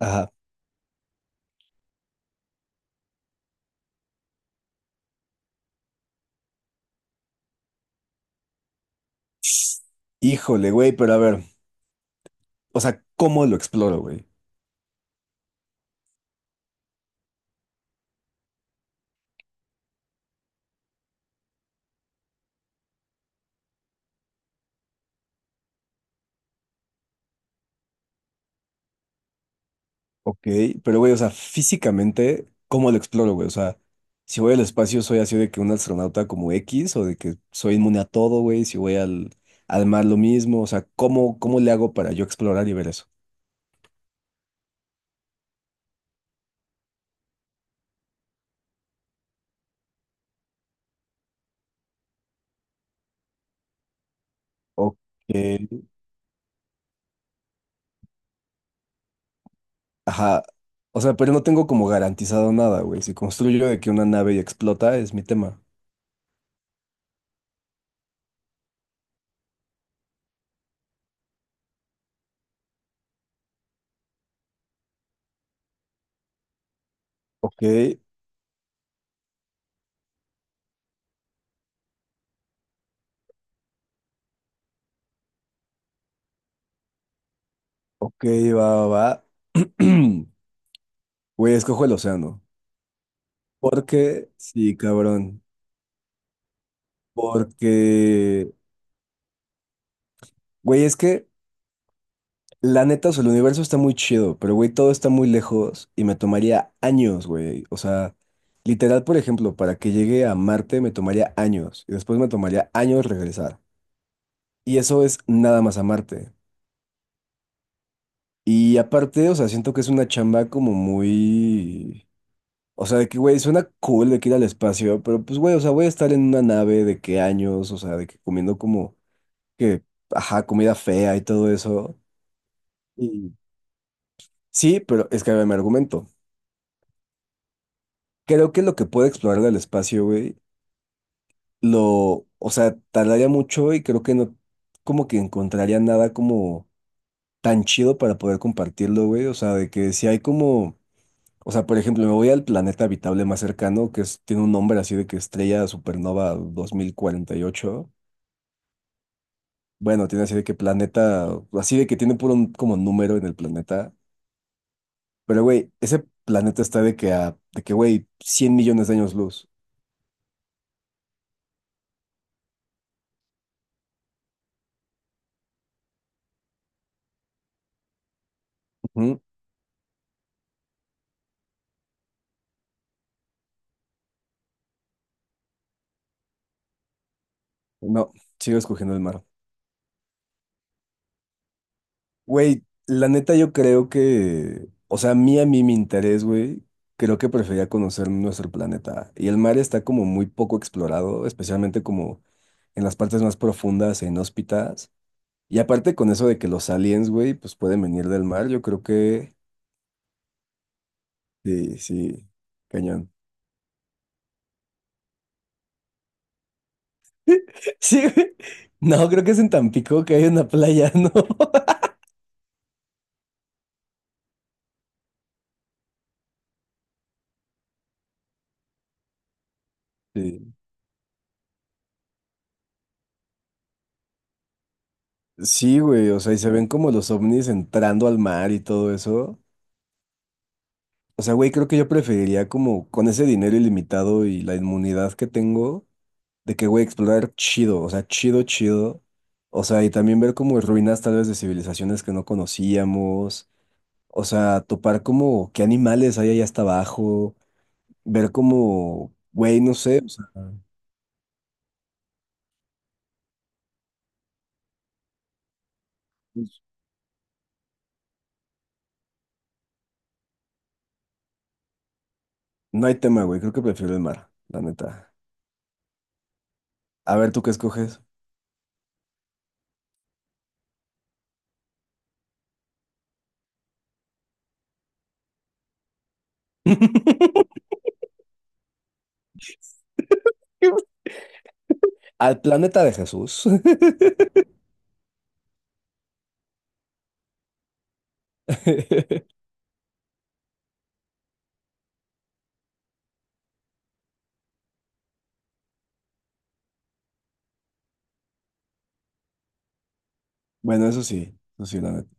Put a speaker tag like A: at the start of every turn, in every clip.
A: Ajá. Híjole, güey, pero a ver, o sea, ¿cómo lo exploro, güey? Ok, pero güey, o sea, físicamente, ¿cómo lo exploro, güey? O sea, si voy al espacio, ¿soy así de que un astronauta como X o de que soy inmune a todo, güey? Si voy al, al mar, lo mismo, o sea, ¿cómo, cómo le hago para yo explorar y ver eso? Ok, ajá, o sea, pero no tengo como garantizado nada, güey. Si construyo de que una nave y explota, es mi tema. Ok, ok, va, va, va. Güey, escojo el océano. Porque, sí, cabrón. Porque, güey, es que la neta, o sea, el universo está muy chido, pero, güey, todo está muy lejos y me tomaría años, güey. O sea, literal, por ejemplo, para que llegue a Marte me tomaría años y después me tomaría años regresar. Y eso es nada más a Marte. Y aparte, o sea, siento que es una chamba como muy... O sea, de que, güey, suena cool de que ir al espacio, pero pues, güey, o sea, voy a estar en una nave de qué años, o sea, de que comiendo como que, ajá, comida fea y todo eso. Y sí, pero es que me argumento. Creo que lo que puede explorar del espacio, güey, lo, o sea, tardaría mucho y creo que no, como que encontraría nada como tan chido para poder compartirlo, güey. O sea, de que si hay como, o sea, por ejemplo, me voy al planeta habitable más cercano, que es- tiene un nombre así de que Estrella Supernova 2048. Bueno, tiene así de que planeta, así de que tiene puro un- como número en el planeta. Pero, güey, ese planeta está de que a, de que, güey, 100 millones de años luz. Ujú. No, sigo escogiendo el mar. Güey, la neta yo creo que, o sea, a mí, mi interés, güey, creo que prefería conocer nuestro planeta. Y el mar está como muy poco explorado, especialmente como en las partes más profundas e inhóspitas. Y aparte con eso de que los aliens, güey, pues pueden venir del mar, yo creo que, sí, sí, cañón. Sí, güey. No, creo que es en Tampico que hay una playa, ¿no? Sí. Sí, güey, o sea, y se ven como los ovnis entrando al mar y todo eso. O sea, güey, creo que yo preferiría como con ese dinero ilimitado y la inmunidad que tengo, de que, güey, explorar chido, o sea, chido, chido. O sea, y también ver como ruinas tal vez de civilizaciones que no conocíamos. O sea, topar como qué animales hay allá hasta abajo. Ver como, güey, no sé, o sea, no hay tema, güey, creo que prefiero el mar, la neta. A ver, ¿tú qué escoges? Al planeta de Jesús. Bueno, eso sí, la neta.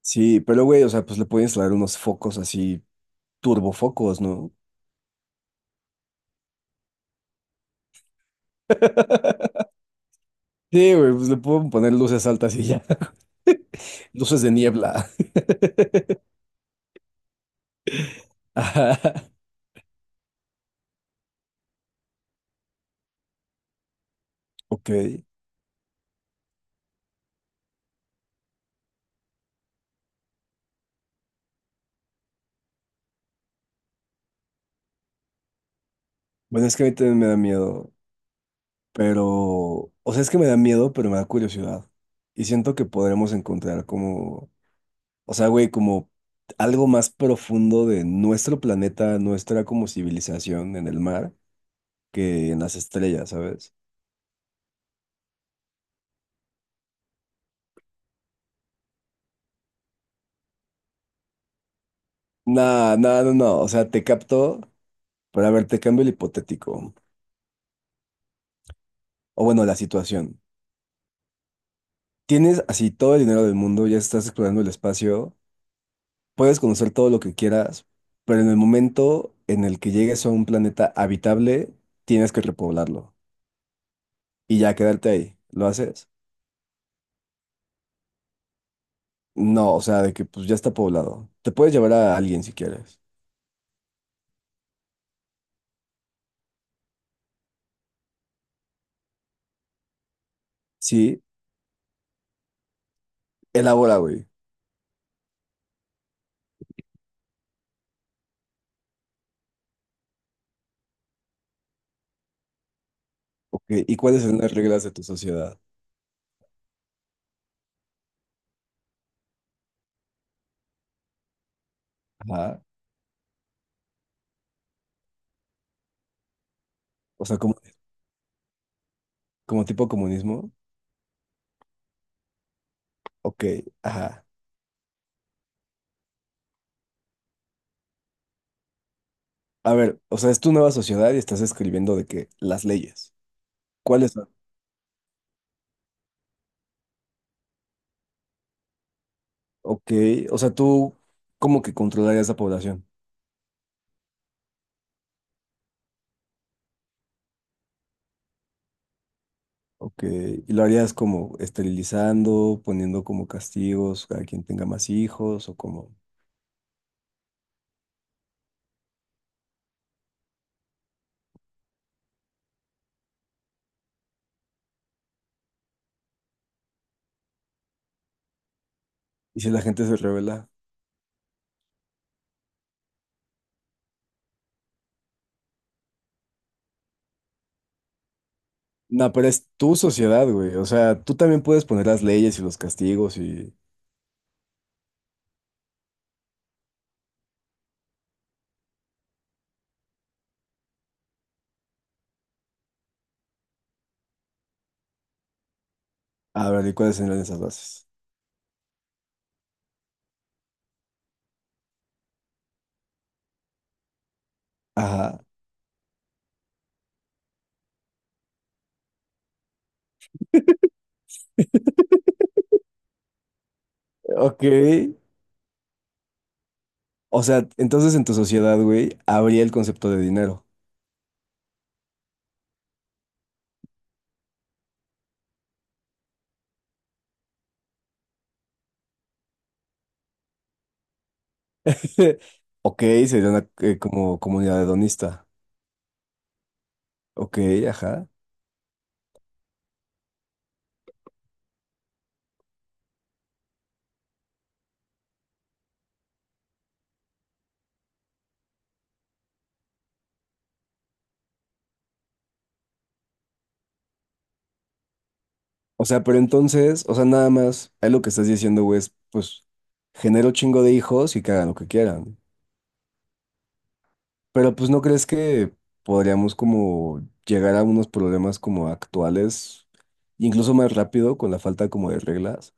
A: Sí, pero güey, o sea, pues le puedo instalar unos focos así, turbofocos, ¿no? Sí, güey, pues le puedo poner luces altas y ya. Luces de niebla. Ajá. Ok. Bueno, es que a mí también me da miedo, pero, o sea, es que me da miedo, pero me da curiosidad. Y siento que podremos encontrar como, o sea, güey, como algo más profundo de nuestro planeta, nuestra como civilización en el mar que en las estrellas, ¿sabes? No, no, no, no. O sea, te capto, pero a ver, te cambio el hipotético. O bueno, la situación. Tienes así todo el dinero del mundo, ya estás explorando el espacio, puedes conocer todo lo que quieras, pero en el momento en el que llegues a un planeta habitable, tienes que repoblarlo y ya quedarte ahí. ¿Lo haces? No, o sea, de que pues ya está poblado. Te puedes llevar a alguien si quieres. Sí, elabora, güey. Ok, ¿y cuáles son las reglas de tu sociedad? Ajá. O sea, como, como tipo comunismo. Ok, ajá. A ver, o sea, es tu nueva sociedad y estás escribiendo de que las leyes. ¿Cuáles son? Ok, o sea, tú como que controlarías la población. Ok, y lo harías como esterilizando, poniendo como castigos a quien tenga más hijos o como... ¿Y si la gente se revela? No, pero es tu sociedad, güey. O sea, tú también puedes poner las leyes y los castigos y... A ver, ¿y cuáles serían esas bases? Ajá, ok. O sea, entonces en tu sociedad, güey, habría el concepto de dinero. Ok, sería una como comunidad hedonista. Ok, ajá. O sea, pero entonces, o sea, nada más, ahí lo que estás diciendo, güey, es, pues, genero chingo de hijos y que hagan lo que quieran. Pero pues, ¿no crees que podríamos como llegar a unos problemas como actuales, incluso más rápido con la falta como de reglas?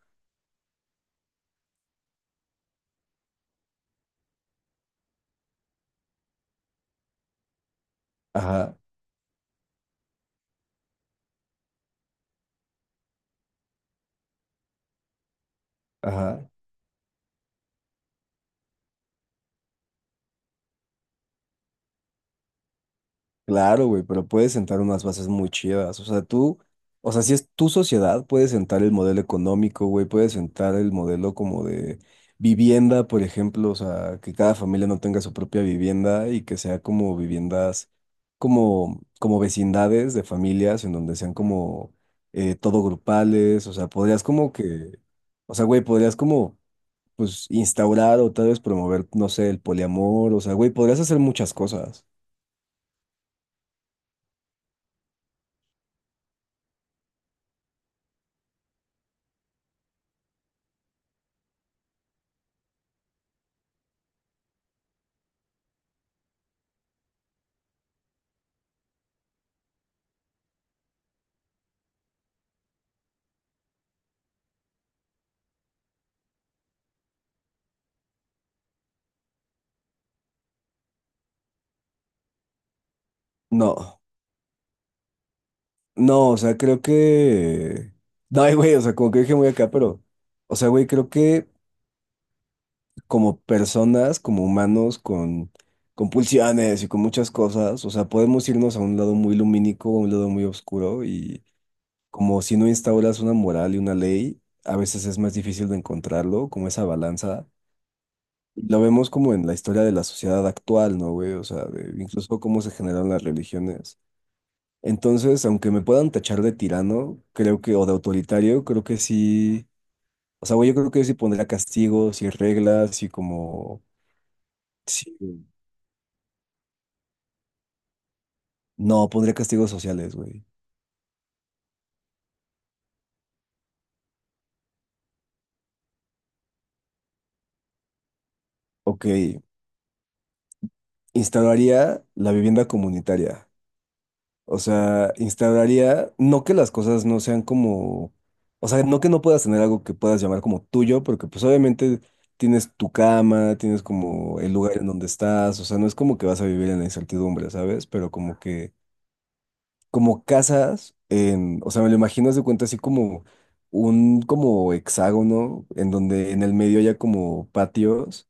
A: Ajá, ajá. Claro, güey, pero puedes sentar unas bases muy chidas. O sea, tú, o sea, si es tu sociedad, puedes sentar el modelo económico, güey, puedes sentar el modelo como de vivienda, por ejemplo, o sea, que cada familia no tenga su propia vivienda y que sea como viviendas, como, como vecindades de familias en donde sean como todo grupales, o sea, podrías como que, o sea, güey, podrías como, pues, instaurar o tal vez promover, no sé, el poliamor, o sea, güey, podrías hacer muchas cosas. No. No, o sea, creo que... No, ay, güey, o sea, como que dije muy acá, pero... O sea, güey, creo que como personas, como humanos, con pulsiones y con muchas cosas, o sea, podemos irnos a un lado muy lumínico, a un lado muy oscuro, y como si no instauras una moral y una ley, a veces es más difícil de encontrarlo, como esa balanza. Lo vemos como en la historia de la sociedad actual, ¿no, güey? O sea, de- incluso cómo se generaron las religiones. Entonces, aunque me puedan tachar de tirano, creo que, o de autoritario, creo que sí. O sea, güey, yo creo que sí pondría castigos y reglas y como. Sí. No, pondría castigos sociales, güey. Ok. Instauraría la vivienda comunitaria. O sea, instauraría. No que las cosas no sean como. O sea, no que no puedas tener algo que puedas llamar como tuyo, porque pues obviamente tienes tu cama, tienes como el lugar en donde estás. O sea, no es como que vas a vivir en la incertidumbre, ¿sabes? Pero como que como casas en, o sea, me lo imagino, haz de cuenta así como un como hexágono en donde en el medio haya como patios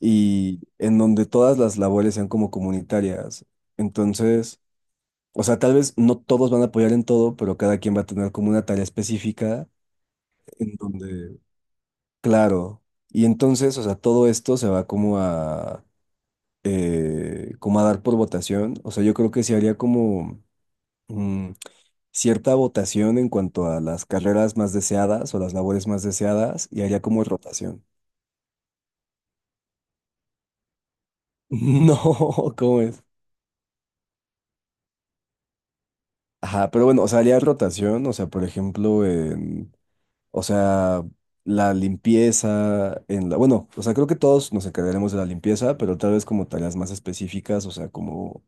A: y en donde todas las labores sean como comunitarias. Entonces, o sea, tal vez no todos van a apoyar en todo, pero cada quien va a tener como una tarea específica en donde, claro, y entonces, o sea, todo esto se va como a como a dar por votación. O sea, yo creo que se haría como mm, cierta votación en cuanto a las carreras más deseadas o las labores más deseadas y haría como rotación. No, ¿cómo es? Ajá, pero bueno, o sea, haría rotación, o sea, por ejemplo, en, o sea, la limpieza, en la, bueno, o sea, creo que todos nos encargaremos de la limpieza, pero tal vez como tareas más específicas, o sea, como,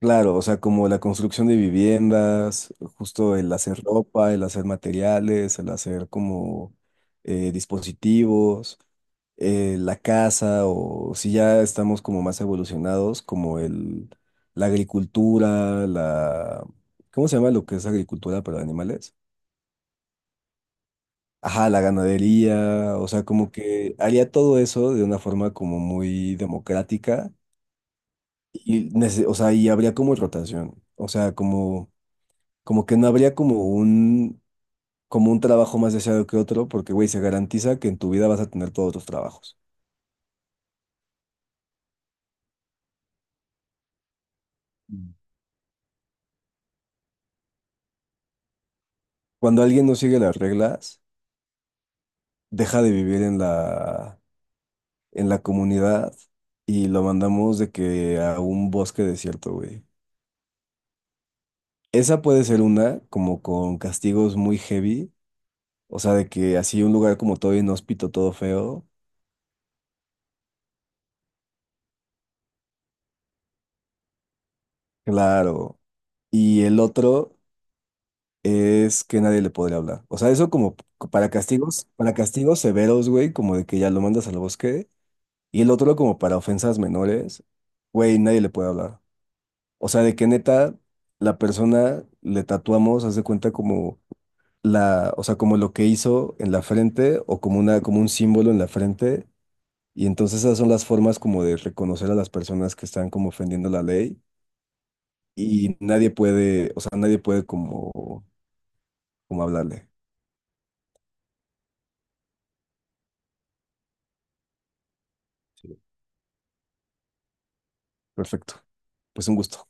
A: claro, o sea, como la construcción de viviendas, justo el hacer ropa, el hacer materiales, el hacer como dispositivos. La caza o si ya estamos como más evolucionados, como el, la agricultura, la... ¿Cómo se llama lo que es agricultura para animales? Ajá, la ganadería, o sea, como que haría todo eso de una forma como muy democrática y, nece- o sea, y habría como rotación, o sea, como, como que no habría como un trabajo más deseado que otro, porque, güey, se garantiza que en tu vida vas a tener todos los trabajos. Mm. Cuando alguien no sigue las reglas, deja de vivir en la comunidad y lo mandamos de que a un bosque desierto, güey. Esa puede ser una, como con castigos muy heavy, o sea, de que así un lugar como todo inhóspito, todo feo, claro. Y el otro es que nadie le podría hablar. O sea, eso como para castigos severos, güey, como de que ya lo mandas al bosque. Y el otro como para ofensas menores, güey, nadie le puede hablar. O sea, de que neta, la persona le tatuamos, haz de cuenta como la, o sea, como lo que hizo en la frente o como una, como un símbolo en la frente. Y entonces esas son las formas como de reconocer a las personas que están como ofendiendo la ley y nadie puede, o sea, nadie puede como, como hablarle. Sí. Perfecto. Pues un gusto.